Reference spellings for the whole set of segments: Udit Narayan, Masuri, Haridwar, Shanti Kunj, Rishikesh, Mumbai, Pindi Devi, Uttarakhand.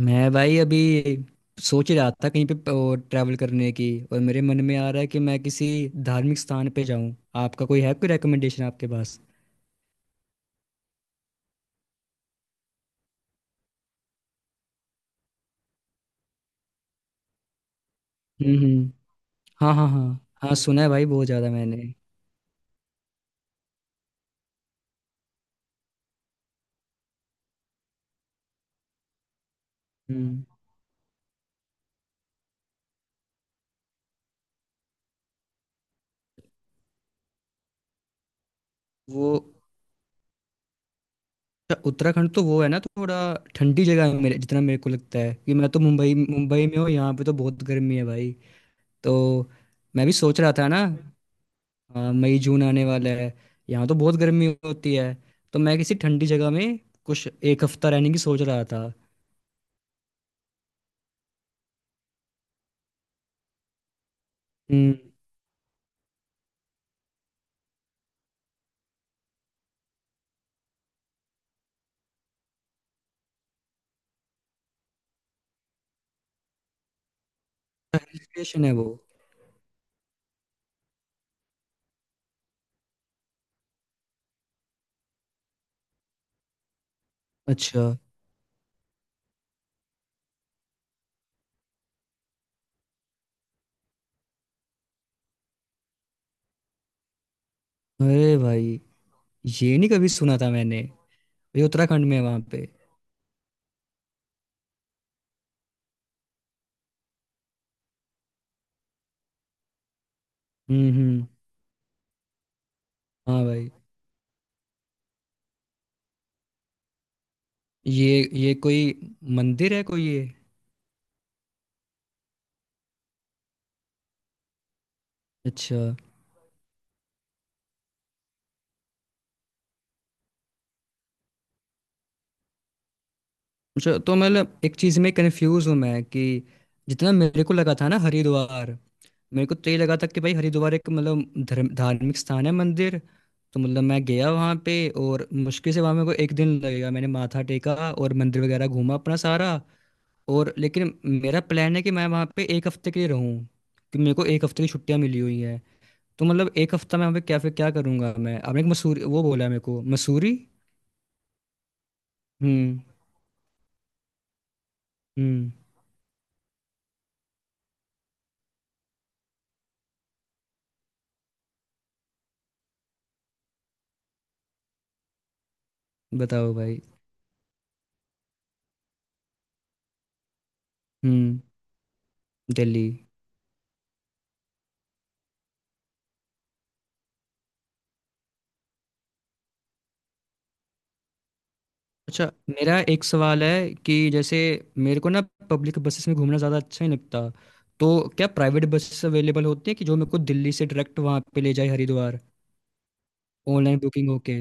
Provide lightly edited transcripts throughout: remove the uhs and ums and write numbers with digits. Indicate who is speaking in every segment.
Speaker 1: मैं भाई अभी सोच रहा था कहीं पे ट्रैवल करने की। और मेरे मन में आ रहा है कि मैं किसी धार्मिक स्थान पे जाऊं। आपका कोई है, कोई रिकमेंडेशन आपके पास? हम्म। हम्म। हाँ हाँ हाँ। हाँ सुना है भाई बहुत ज़्यादा मैंने। हम्म। वो अच्छा, उत्तराखंड तो वो है ना, थोड़ा ठंडी जगह है। मेरे जितना मेरे को लगता है कि मैं तो मुंबई मुंबई में हूँ, यहाँ पे तो बहुत गर्मी है भाई। तो मैं भी सोच रहा था ना। हाँ, मई जून आने वाला है, यहाँ तो बहुत गर्मी होती है। तो मैं किसी ठंडी जगह में कुछ एक हफ्ता रहने की सोच रहा था। हम्म। हिल स्टेशन है वो? अच्छा। अरे भाई, ये नहीं कभी सुना था मैंने। ये उत्तराखंड में है वहाँ पे? हम्म। हम्म। हाँ भाई। ये कोई मंदिर है, कोई ये? अच्छा। अच्छा, तो मतलब एक चीज़ में कंफ्यूज हूँ मैं कि जितना मेरे को लगा था ना हरिद्वार, मेरे को तो ये लगा था कि भाई हरिद्वार एक, मतलब, धर्म धार्मिक स्थान है, मंदिर। तो मतलब मैं गया वहाँ पे, और मुश्किल से वहाँ मेरे को एक दिन लगेगा, मैंने माथा टेका और मंदिर वगैरह घूमा अपना सारा। और लेकिन मेरा प्लान है कि मैं वहाँ पे एक हफ्ते के लिए रहूँ, कि मेरे को एक हफ्ते की छुट्टियाँ मिली हुई हैं। तो मतलब एक हफ्ता मैं वहाँ पे क्या, फिर क्या करूँगा मैं? आपने एक मसूरी वो बोला है मेरे को, मसूरी? हम्म। हम्म। बताओ भाई। हम्म। दिल्ली? अच्छा, मेरा एक सवाल है कि जैसे मेरे को ना पब्लिक बसेस में घूमना ज़्यादा अच्छा नहीं लगता। तो क्या प्राइवेट बसेस अवेलेबल होती है कि जो मेरे को दिल्ली से डायरेक्ट वहाँ पे ले जाए हरिद्वार? ऑनलाइन बुकिंग होके?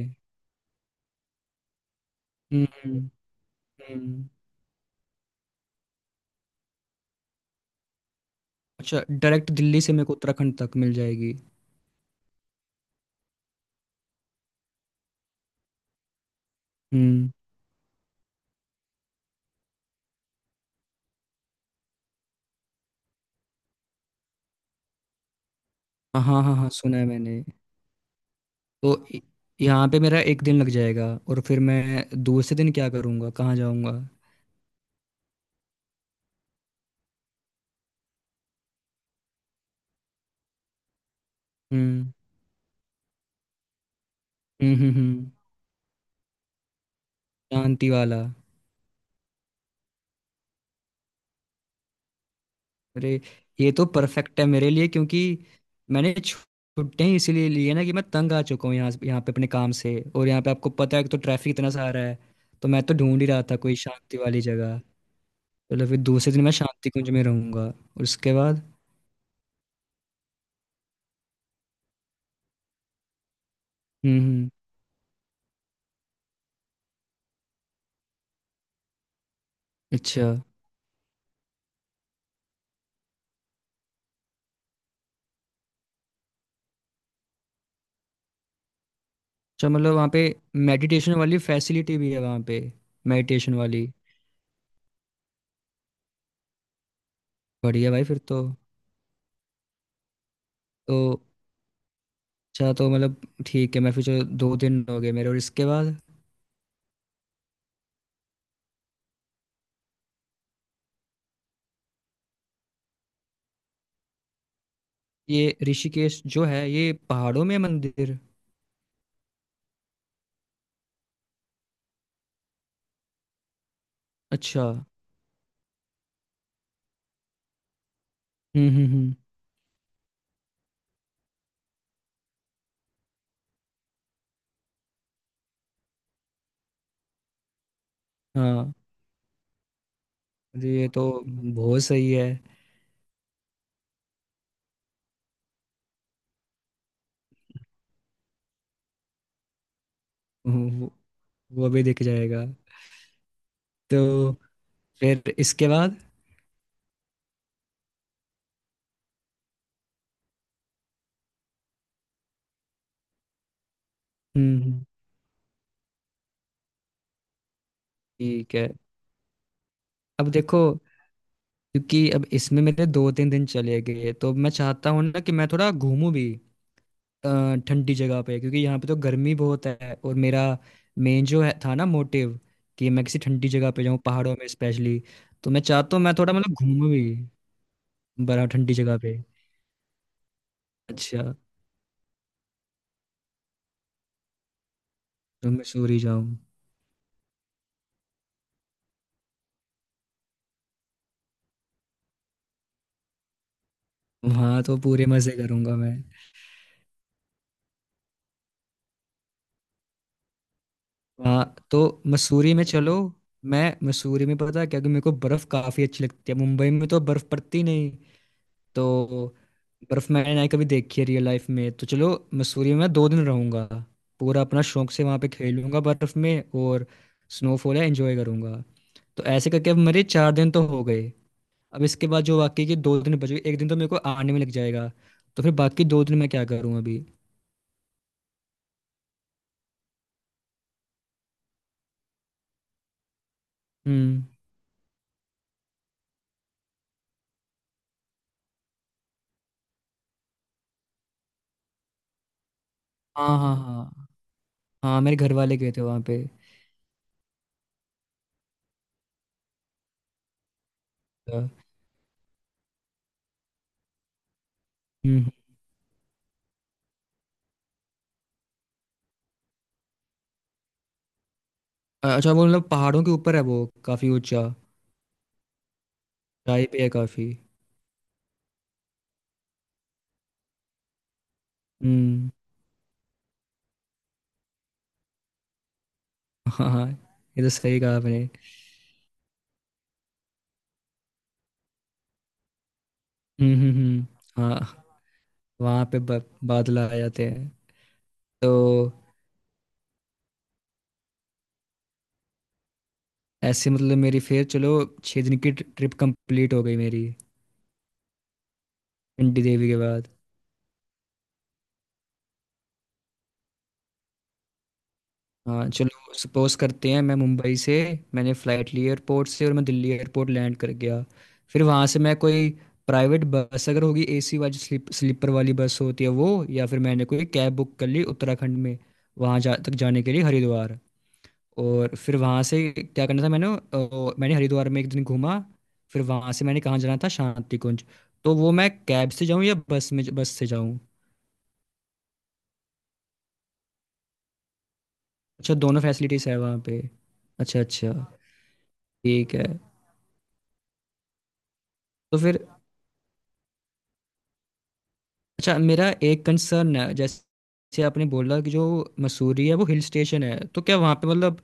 Speaker 1: हम्म। हम्म। हम्म। अच्छा, डायरेक्ट दिल्ली से मेरे को उत्तराखंड तक मिल जाएगी? हम्म। हाँ हाँ हाँ हाँ, सुना है मैंने। तो यहाँ पे मेरा एक दिन लग जाएगा, और फिर मैं दूसरे दिन क्या करूँगा, कहाँ जाऊँगा? हम्म। हम्म। हम्म। हम्म। शांति वाला। अरे, ये तो परफेक्ट है मेरे लिए, क्योंकि मैंने छुट्टियां ही इसीलिए ली है ना, कि मैं तंग आ चुका हूँ यहाँ यहाँ पे अपने काम से, और यहाँ पे आपको पता है कि तो ट्रैफिक इतना सारा है। तो मैं तो ढूंढ ही रहा था कोई शांति वाली जगह। चलो फिर दूसरे दिन मैं शांति कुंज में रहूंगा, और उसके बाद? हम्म। हम्म। अच्छा। अच्छा, मतलब वहाँ पे मेडिटेशन वाली फैसिलिटी भी है वहाँ पे? मेडिटेशन वाली? बढ़िया भाई, फिर तो। तो अच्छा, तो मतलब ठीक है, मैं फिर, जो 2 दिन हो गए मेरे, और इसके बाद? ये ऋषिकेश जो है, ये पहाड़ों में है, मंदिर? अच्छा। हम्म। हम्म। हम्म। हाँ। अरे, ये तो बहुत सही है। वो वो भी दिख जाएगा? तो फिर इसके बाद? हम्म। ठीक है। अब देखो, क्योंकि अब इसमें मेरे 2-3 दिन चले गए, तो मैं चाहता हूँ ना कि मैं थोड़ा घूमूं भी अ, ठंडी जगह पे, क्योंकि यहाँ पे तो गर्मी बहुत है, और मेरा मेन जो है था ना मोटिव, कि मैं किसी ठंडी जगह पे जाऊँ, पहाड़ों में स्पेशली। तो मैं चाहता हूँ मैं थोड़ा, मतलब, घूमूं भी, बड़ा ठंडी जगह पे। अच्छा, तो मसूरी जाऊँ? वहाँ तो पूरे मजे करूंगा मैं। वहाँ तो मसूरी में चलो, मैं मसूरी में, पता है क्या, कि मेरे को बर्फ काफी अच्छी लगती है, मुंबई में तो बर्फ पड़ती नहीं। तो बर्फ मैंने ना ही कभी देखी है रियल लाइफ में, तो चलो मसूरी में मैं 2 दिन रहूंगा, पूरा अपना शौक से वहाँ पे खेलूंगा बर्फ में, और स्नोफॉल है एंजॉय करूंगा। तो ऐसे करके अब मेरे 4 दिन तो हो गए। अब इसके बाद जो बाकी के 2 दिन बच गए, एक दिन तो मेरे को आने में लग जाएगा। तो फिर बाकी 2 दिन मैं क्या करूँ अभी? हम्म। हाँ हाँ हाँ। हाँ, मेरे घर वाले गए थे वहाँ पे। अ, हम्म। अच्छा, वो मतलब पहाड़ों के ऊपर है वो, काफ़ी ऊंचा? ऊंचाई पे है काफ़ी। हम्म। हाँ हाँ, ये तो सही कहा आपने। हम्म। हम्म। हाँ। वहाँ पे बादल आ जाते हैं। तो ऐसे, मतलब, मेरी फिर चलो 6 दिन की ट्रिप कंप्लीट हो गई मेरी। पिंडी देवी के बाद? हाँ चलो, सपोज करते हैं मैं मुंबई से, मैंने फ़्लाइट ली एयरपोर्ट से, और मैं दिल्ली एयरपोर्ट लैंड कर गया। फिर वहाँ से मैं कोई प्राइवेट बस, अगर होगी, एसी वाली, स्लीपर वाली बस होती है वो, या फिर मैंने कोई कैब बुक कर ली उत्तराखंड में, वहाँ जा तक जाने के लिए, हरिद्वार। और फिर वहाँ से क्या करना था मैंने? मैंने हरिद्वार में एक दिन घूमा। फिर वहाँ से मैंने कहाँ जाना था, शांति कुंज? तो वो मैं कैब से जाऊँ या बस से जाऊँ? अच्छा, दोनों फैसिलिटीज़ है वहाँ पे? अच्छा। अच्छा, ठीक है। तो फिर, अच्छा, मेरा एक कंसर्न है, जैसे आपने बोला कि जो मसूरी है वो हिल स्टेशन है, तो क्या वहाँ पे, मतलब,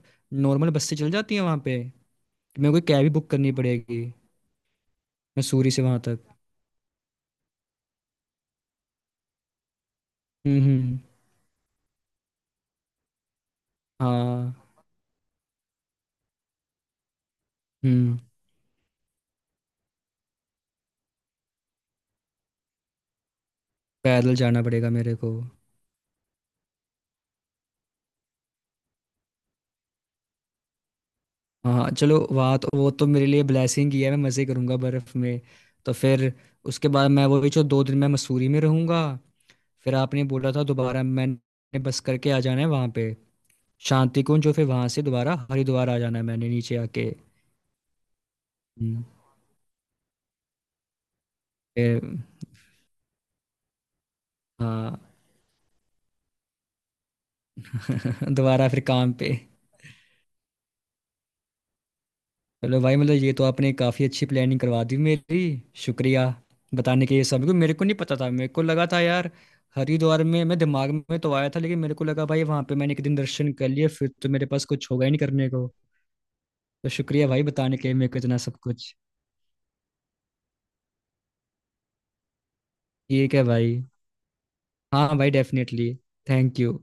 Speaker 1: नॉर्मल बस से चल जाती है वहाँ पे, कि मेरे को कैब ही बुक करनी पड़ेगी मसूरी से वहाँ तक? हम्म। हम्म। हाँ। हम्म। पैदल जाना पड़ेगा मेरे को? हाँ हाँ, चलो, वहाँ तो वो तो मेरे लिए ब्लेसिंग ही है, मैं मज़े करूँगा बर्फ़ में। तो फिर उसके बाद मैं वही, जो 2 दिन मैं मसूरी में रहूँगा, फिर आपने बोला था, दोबारा मैंने बस करके आ जाना है वहाँ पे शांति कुंज, और फिर वहां से दोबारा हरिद्वार आ जाना है मैंने, नीचे आके। हम्म, फिर। हाँ। दोबारा फिर काम पे। चलो भाई, मतलब ये तो आपने काफ़ी अच्छी प्लानिंग करवा दी मेरी। शुक्रिया बताने के लिए, सब मेरे को नहीं पता था, मेरे को लगा था यार हरिद्वार में, मैं, दिमाग में तो आया था, लेकिन मेरे को लगा भाई वहां पे मैंने एक दिन दर्शन कर लिए, फिर तो मेरे पास कुछ होगा ही नहीं करने को। तो शुक्रिया भाई बताने के लिए मेरे को इतना सब कुछ। ठीक है भाई। हाँ भाई डेफिनेटली। Thank you.